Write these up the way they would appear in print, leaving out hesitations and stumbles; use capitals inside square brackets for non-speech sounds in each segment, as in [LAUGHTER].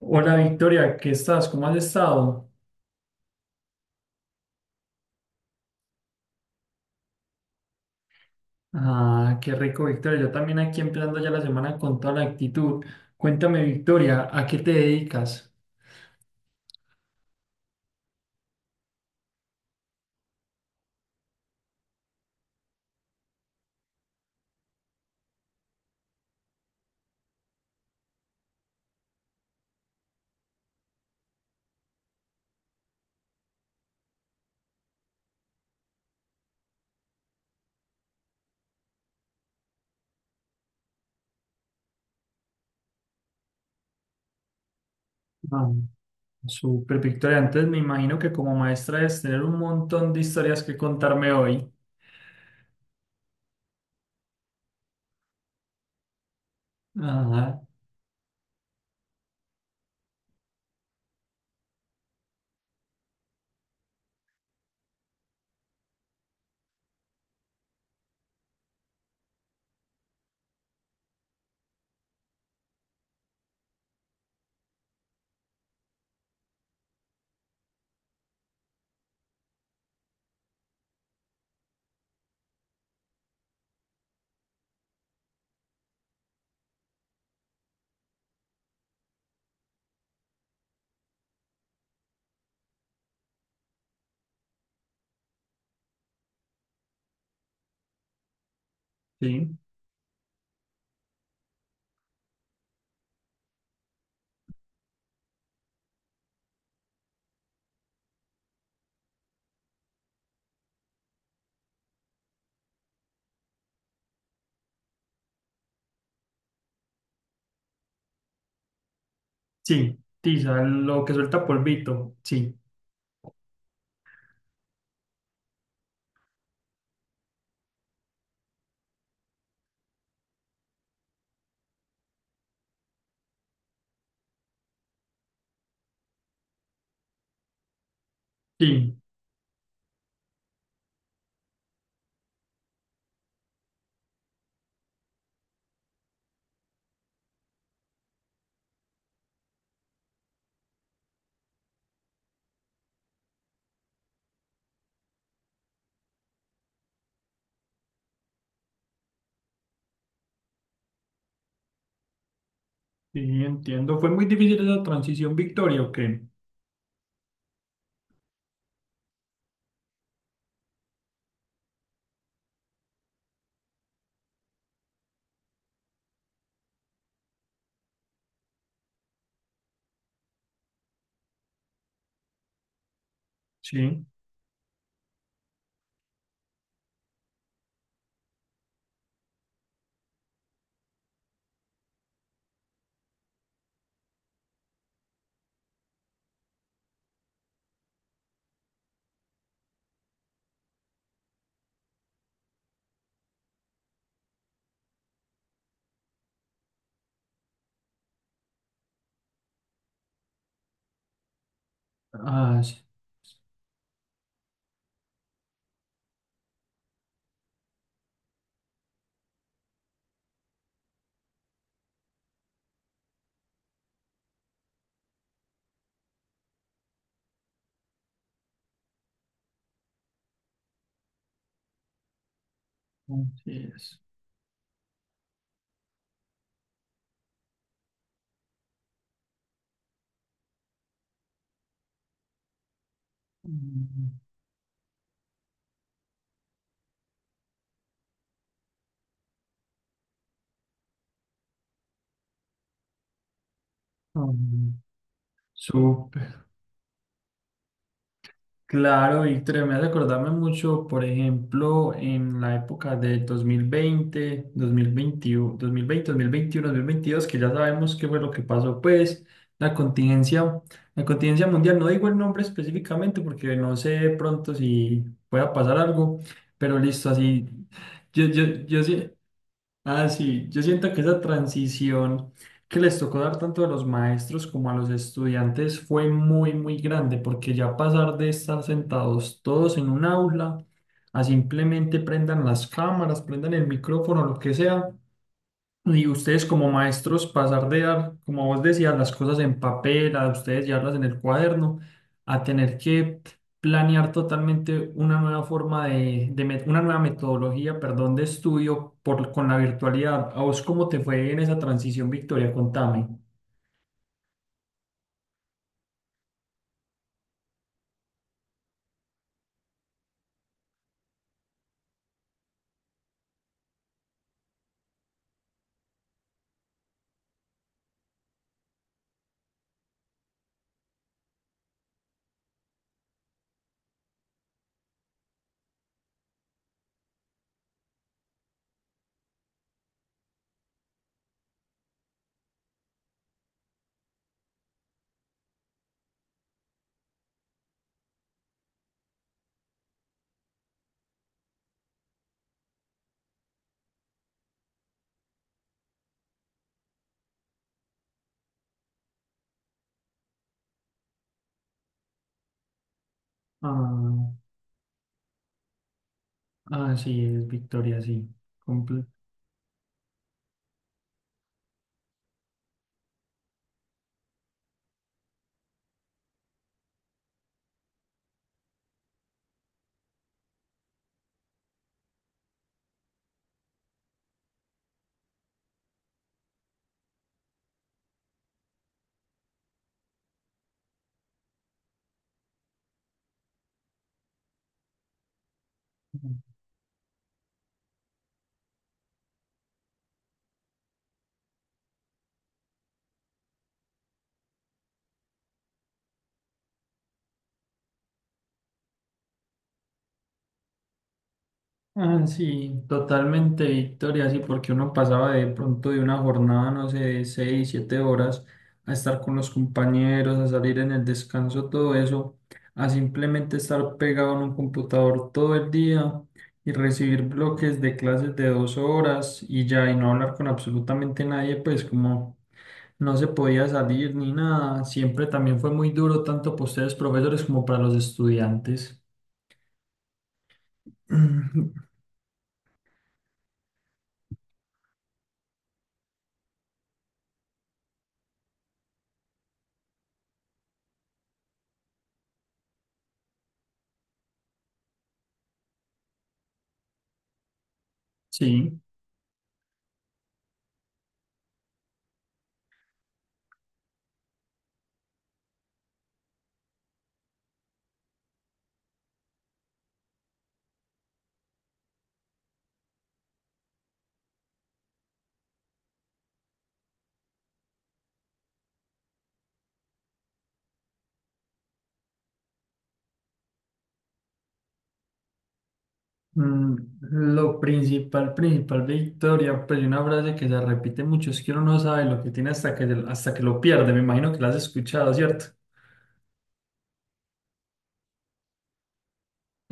Hola Victoria, ¿qué estás? ¿Cómo has estado? Ah, qué rico Victoria, yo también aquí empezando ya la semana con toda la actitud. Cuéntame Victoria, ¿a qué te dedicas? Ah, súper Victoria, antes me imagino que como maestra debes tener un montón de historias que contarme hoy. Ajá, sí, sí, tiza, lo que suelta polvito, sí, sí, sí, entiendo. ¿Fue muy difícil esa transición Victoria o qué? Sí, ah, sí, así es. Mm, mm. Súper, claro, Víctor, me hace acordarme mucho, por ejemplo, en la época del 2020, 2021, 2020, 2021, 2022, que ya sabemos qué fue lo que pasó, pues la contingencia, la contingencia mundial, no digo el nombre específicamente porque no sé de pronto si pueda pasar algo, pero listo, así, yo sí- Ah, sí, yo siento que esa transición que les tocó dar tanto a los maestros como a los estudiantes fue muy, muy grande, porque ya pasar de estar sentados todos en un aula a simplemente prendan las cámaras, prendan el micrófono, lo que sea, y ustedes como maestros, pasar de dar, como vos decías, las cosas en papel, a ustedes llevarlas en el cuaderno, a tener que planear totalmente una nueva forma de una nueva metodología, perdón, de estudio por, con la virtualidad. ¿A vos cómo te fue en esa transición, Victoria? Contame. Ah, ah, sí, es Victoria, sí. Comple- Ah, sí, totalmente, Victoria, sí, porque uno pasaba de pronto de una jornada, no sé, de seis, siete horas, a estar con los compañeros, a salir en el descanso, todo eso, a simplemente estar pegado en un computador todo el día y recibir bloques de clases de dos horas y ya, y no hablar con absolutamente nadie, pues como no se podía salir ni nada, siempre también fue muy duro, tanto para ustedes profesores como para los estudiantes. [CLEARS THROAT] Sí. Mm, lo principal, principal, Victoria, pues hay una frase que se repite mucho, es que uno no sabe lo que tiene hasta que lo pierde, me imagino que la has escuchado, ¿cierto?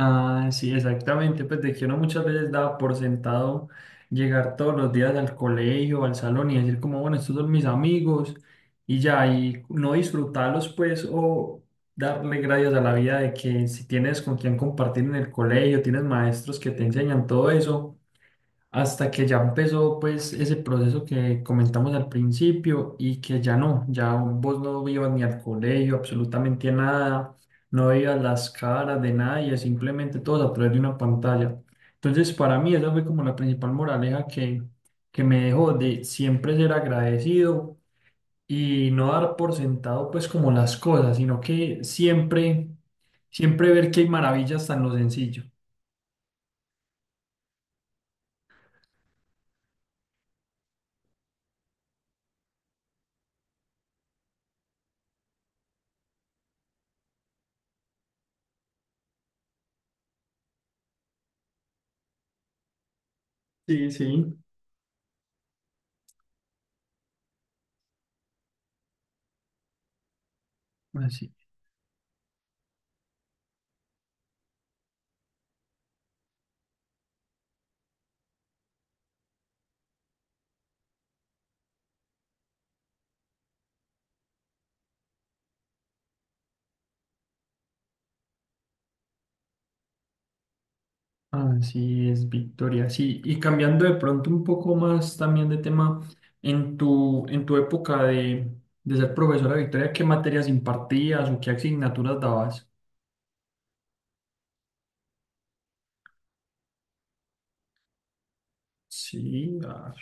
Ah, sí, exactamente, pues de que uno muchas veces daba por sentado llegar todos los días al colegio, al salón y decir como, bueno, estos son mis amigos y ya, y no disfrutarlos pues o darle gracias a la vida de que si tienes con quien compartir en el colegio, tienes maestros que te enseñan todo eso hasta que ya empezó pues ese proceso que comentamos al principio y que ya no, ya vos no ibas ni al colegio, absolutamente a nada, no veías las caras de nadie, simplemente todos a través de una pantalla. Entonces para mí esa fue como la principal moraleja que me dejó de siempre ser agradecido y no dar por sentado pues como las cosas, sino que siempre, siempre ver que hay maravillas tan lo sencillo. Sí, sí, así. Así es, Victoria. Sí, y cambiando de pronto un poco más también de tema, en tu época de ser profesora, Victoria, ¿qué materias impartías o qué asignaturas dabas? Sí, ah,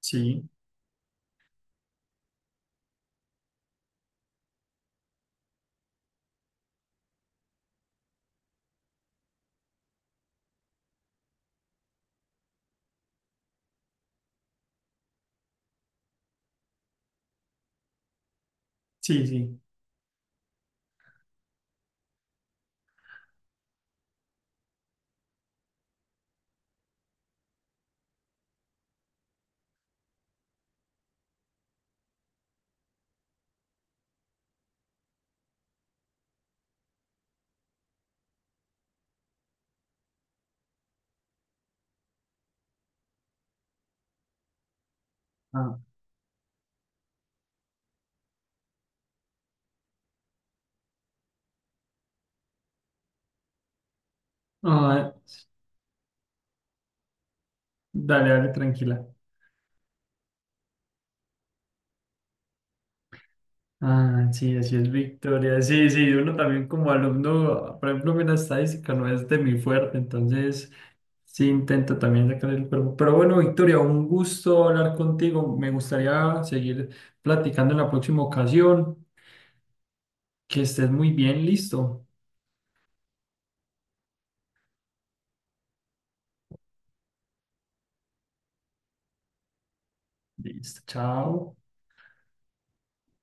sí, sí, sí. Sí. Ah, ah, dale, dale, tranquila. Ah, sí, así es Victoria. Sí, sí, uno también como alumno, por ejemplo, a mí la estadística no es de mi fuerte, entonces sí intento también sacar el cuerpo. Pero bueno, Victoria, un gusto hablar contigo. Me gustaría seguir platicando en la próxima ocasión. Que estés muy bien, listo. Listo, chao.